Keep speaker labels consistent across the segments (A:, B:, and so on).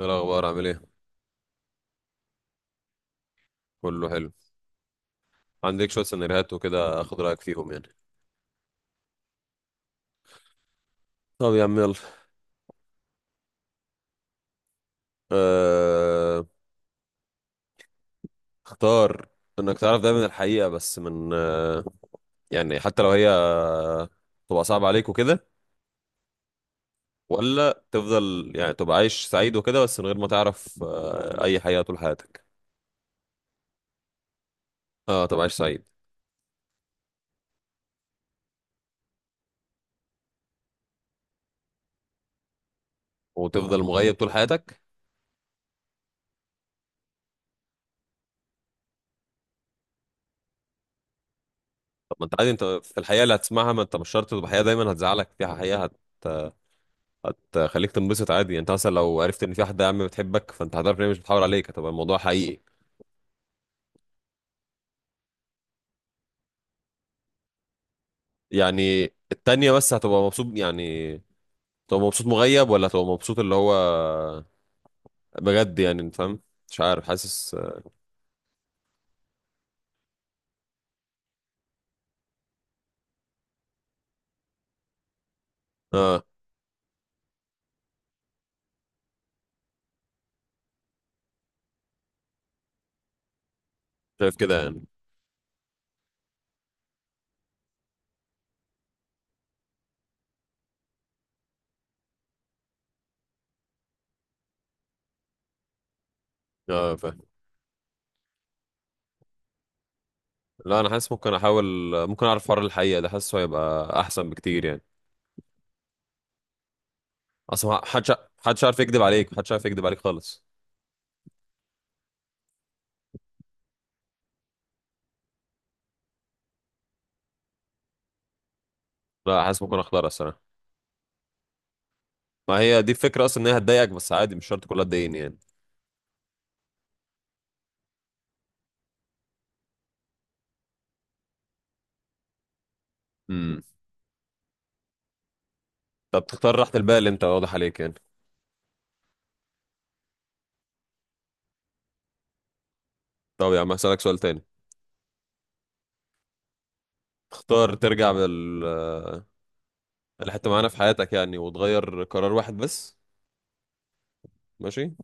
A: ايه الاخبار عامل ايه؟ كله حلو. عندك شويه سيناريوهات وكده اخد رايك فيهم يعني. طب يا عم يلا. أه... اختار انك تعرف دايما الحقيقه بس من يعني حتى لو هي تبقى صعبه عليك وكده، ولا تفضل يعني تبقى عايش سعيد وكده بس من غير ما تعرف اي حقيقه طول حياتك؟ اه تبقى عايش سعيد وتفضل مغيب طول حياتك. طب ما انت عادي، انت في الحقيقه اللي هتسمعها، ما انت مش شرط تبقى حقيقه دايما هتزعلك، فيها حقيقه هتخليك تنبسط عادي. يعني انت مثلا لو عرفت ان في واحده يا عم بتحبك فانت هتعرف ان هي مش بتحاول عليك، هتبقى الموضوع حقيقي يعني. التانية بس هتبقى مبسوط يعني، تبقى مبسوط مغيب ولا تبقى مبسوط اللي هو بجد يعني، انت فاهم؟ مش عارف، حاسس. اه، شايف كده يعني. اه فاهم. لا انا حاسس ممكن احاول، ممكن اعرف حوار الحقيقه ده، حاسه هيبقى احسن بكتير يعني. اصلا محدش عارف يكذب عليك، محدش عارف يكذب عليك خالص. لا حاسس ممكن اختارها الصراحه. ما هي دي الفكره اصلا ان هي هتضايقك، بس عادي مش شرط كلها تضايقني يعني. طب تختار راحة البال، انت واضح عليك يعني. طب يا عم هسألك سؤال تاني. تختار ترجع لحتة معانا في حياتك يعني وتغير قرار واحد بس، ماشي؟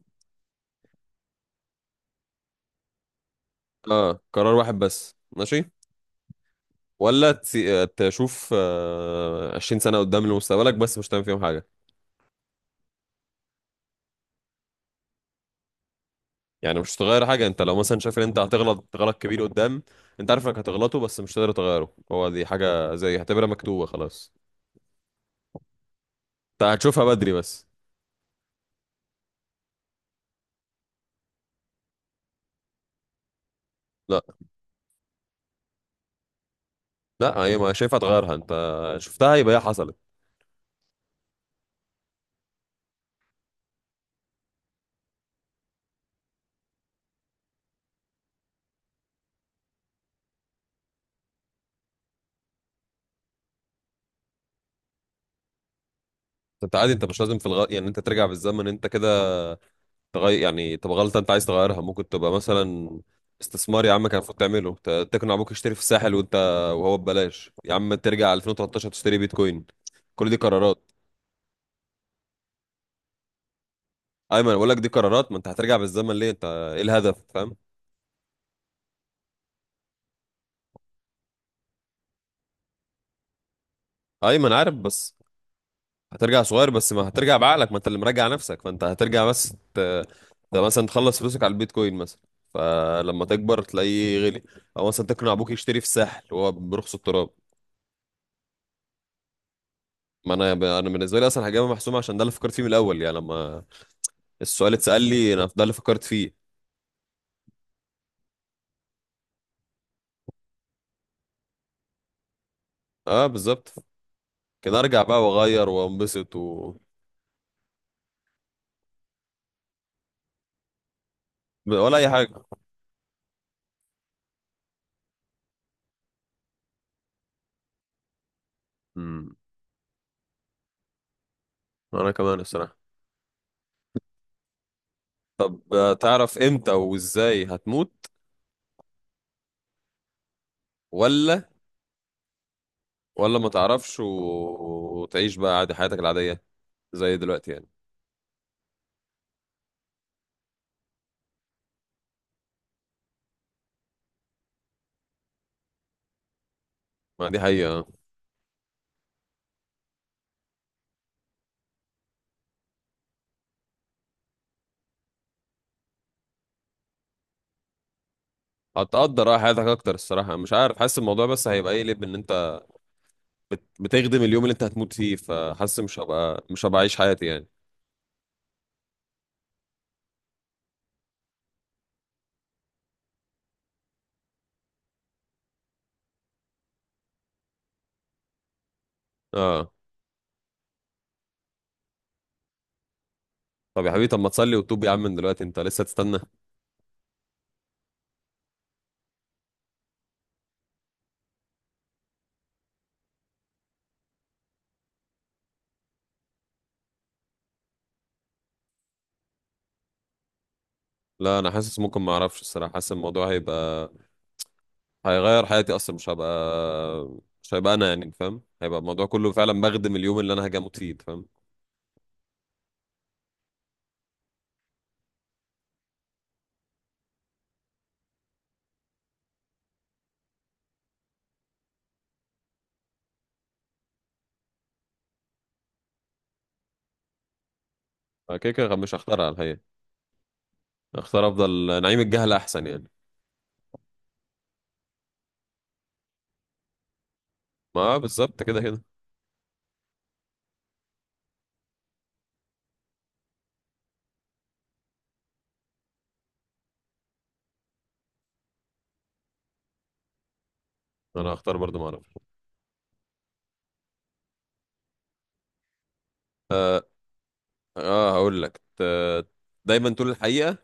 A: اه قرار واحد بس، ماشي. ولا تشوف 20 سنة قدام لمستقبلك، بس مش هتعمل فيهم حاجة؟ يعني مش هتغير حاجة، انت لو مثلا شايف ان انت هتغلط غلط كبير قدام، انت عارف انك هتغلطه بس مش هتقدر تغيره، هو دي حاجة زي اعتبرها مكتوبة خلاص. انت هتشوفها بدري بس. لا لا، هي ما شايفها تغيرها انت، شفتها يبقى هي حصلت. انت عادي، انت مش لازم في يعني انت ترجع بالزمن انت كده تغير، يعني تبقى غلطه انت عايز تغيرها. ممكن تبقى مثلا استثمار، يا عم كان المفروض تعمله، تقنع ابوك يشتري في الساحل وانت وهو ببلاش، يا عم ترجع 2013 تشتري بيتكوين. كل دي قرارات. ايمن بقول لك دي قرارات، ما انت هترجع بالزمن ليه؟ انت ايه الهدف فاهم. ايمن عارف بس. هترجع صغير بس ما هترجع بعقلك، ما انت اللي مراجع نفسك، فانت هترجع ده مثلا تخلص فلوسك على البيتكوين مثلا، فلما تكبر تلاقيه غلي، او مثلا تقنع ابوك يشتري في الساحل وهو برخص التراب. ما انا، انا بالنسبه لي اصلا حاجه محسومه عشان ده اللي فكرت فيه من الاول يعني، لما السؤال اتسال لي انا ده اللي فكرت فيه. اه بالظبط، كده ارجع بقى واغير وانبسط ولا اي حاجه. امم انا كمان الصراحه. بتعرف امتى وازاي هتموت ولا، ولا ما تعرفش وتعيش بقى عادي حياتك العاديه زي دلوقتي يعني؟ ما دي حقيقه. هتقدر اه حياتك اكتر الصراحه، مش عارف، حاسس الموضوع بس هيبقى ايه ليه، ان انت بتخدم اليوم اللي انت هتموت فيه، فحاسس مش هبقى، عايش حياتي يعني. اه. طب يا حبيبي، طب ما تصلي وتوب يا عم من دلوقتي، انت لسه تستنى. لا انا حاسس ممكن ما اعرفش الصراحه، حاسس الموضوع هيبقى، هيغير حياتي اصلا. مش هبقى، مش هيبقى انا يعني فاهم، هيبقى الموضوع كله فعلا بخدم اليوم اللي انا هاجي اموت فيه انت فاهم. كده كده مش هختار على الحقيقه، هختار افضل نعيم الجهل احسن يعني. ما آه بالظبط كده كده. انا هختار برضه ما اعرفش. اه هقول لك دايما تقول الحقيقه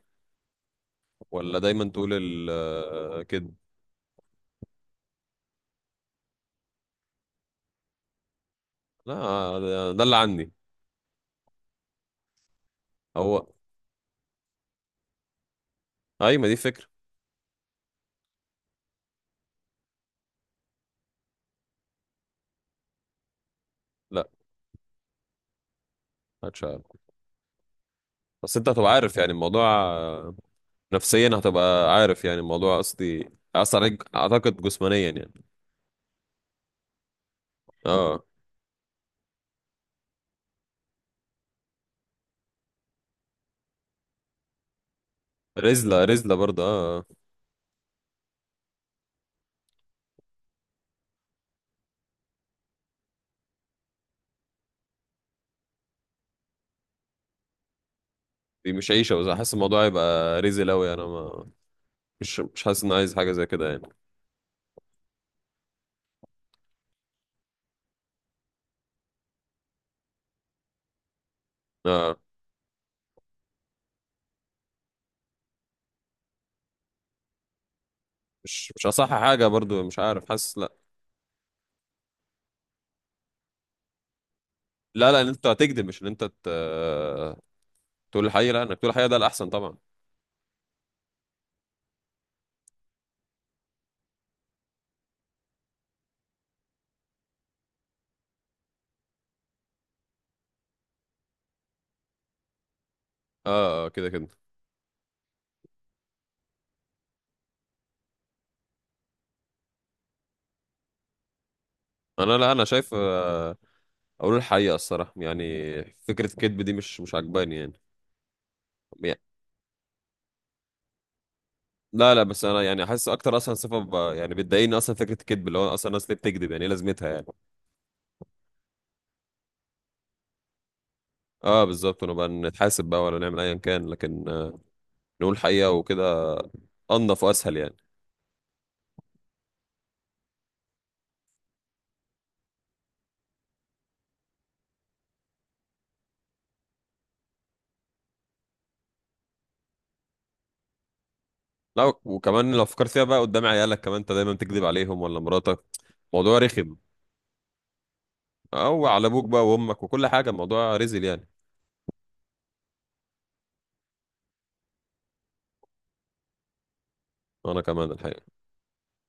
A: ولا دايما تقول كده؟ لا ده اللي عندي. هو ايوه، ما دي فكره. لا هتشعر، بس انت هتبقى عارف يعني الموضوع نفسيا هتبقى عارف يعني الموضوع، قصدي اثر عليك اعتقد جسمانيا يعني. اه. رزلة رزلة برضه اه دي مش عيشة، بس حاسس الموضوع هيبقى رزل اوي يعني. انا ما، مش حاسس اني عايز حاجة زي كده يعني. اه مش اصح حاجة برضه، مش عارف حاسس لا. لا لا، ان انت هتكذب، مش ان انت تقول الحقيقة. لا، انك تقول الحقيقة ده الاحسن طبعا. اه كده كده. انا لا انا شايف اقول الحقيقة الصراحة يعني. فكرة الكذب دي مش عجباني يعني. لا لا بس انا يعني حاسس اكتر اصلا صفه، يعني بتضايقني اصلا فكره الكذب، اللي هو اصلا الناس ليه بتكذب يعني، ايه لازمتها يعني؟ اه بالظبط، ونبقى نتحاسب بقى ولا نعمل ايا كان، لكن نقول حقيقه وكده، انضف واسهل يعني. لا وكمان لو فكرت فيها بقى قدام عيالك، كمان انت دايما بتكذب عليهم ولا مراتك؟ موضوع رخم. او على ابوك بقى وامك وكل حاجه، الموضوع رزل يعني. انا كمان الحقيقه.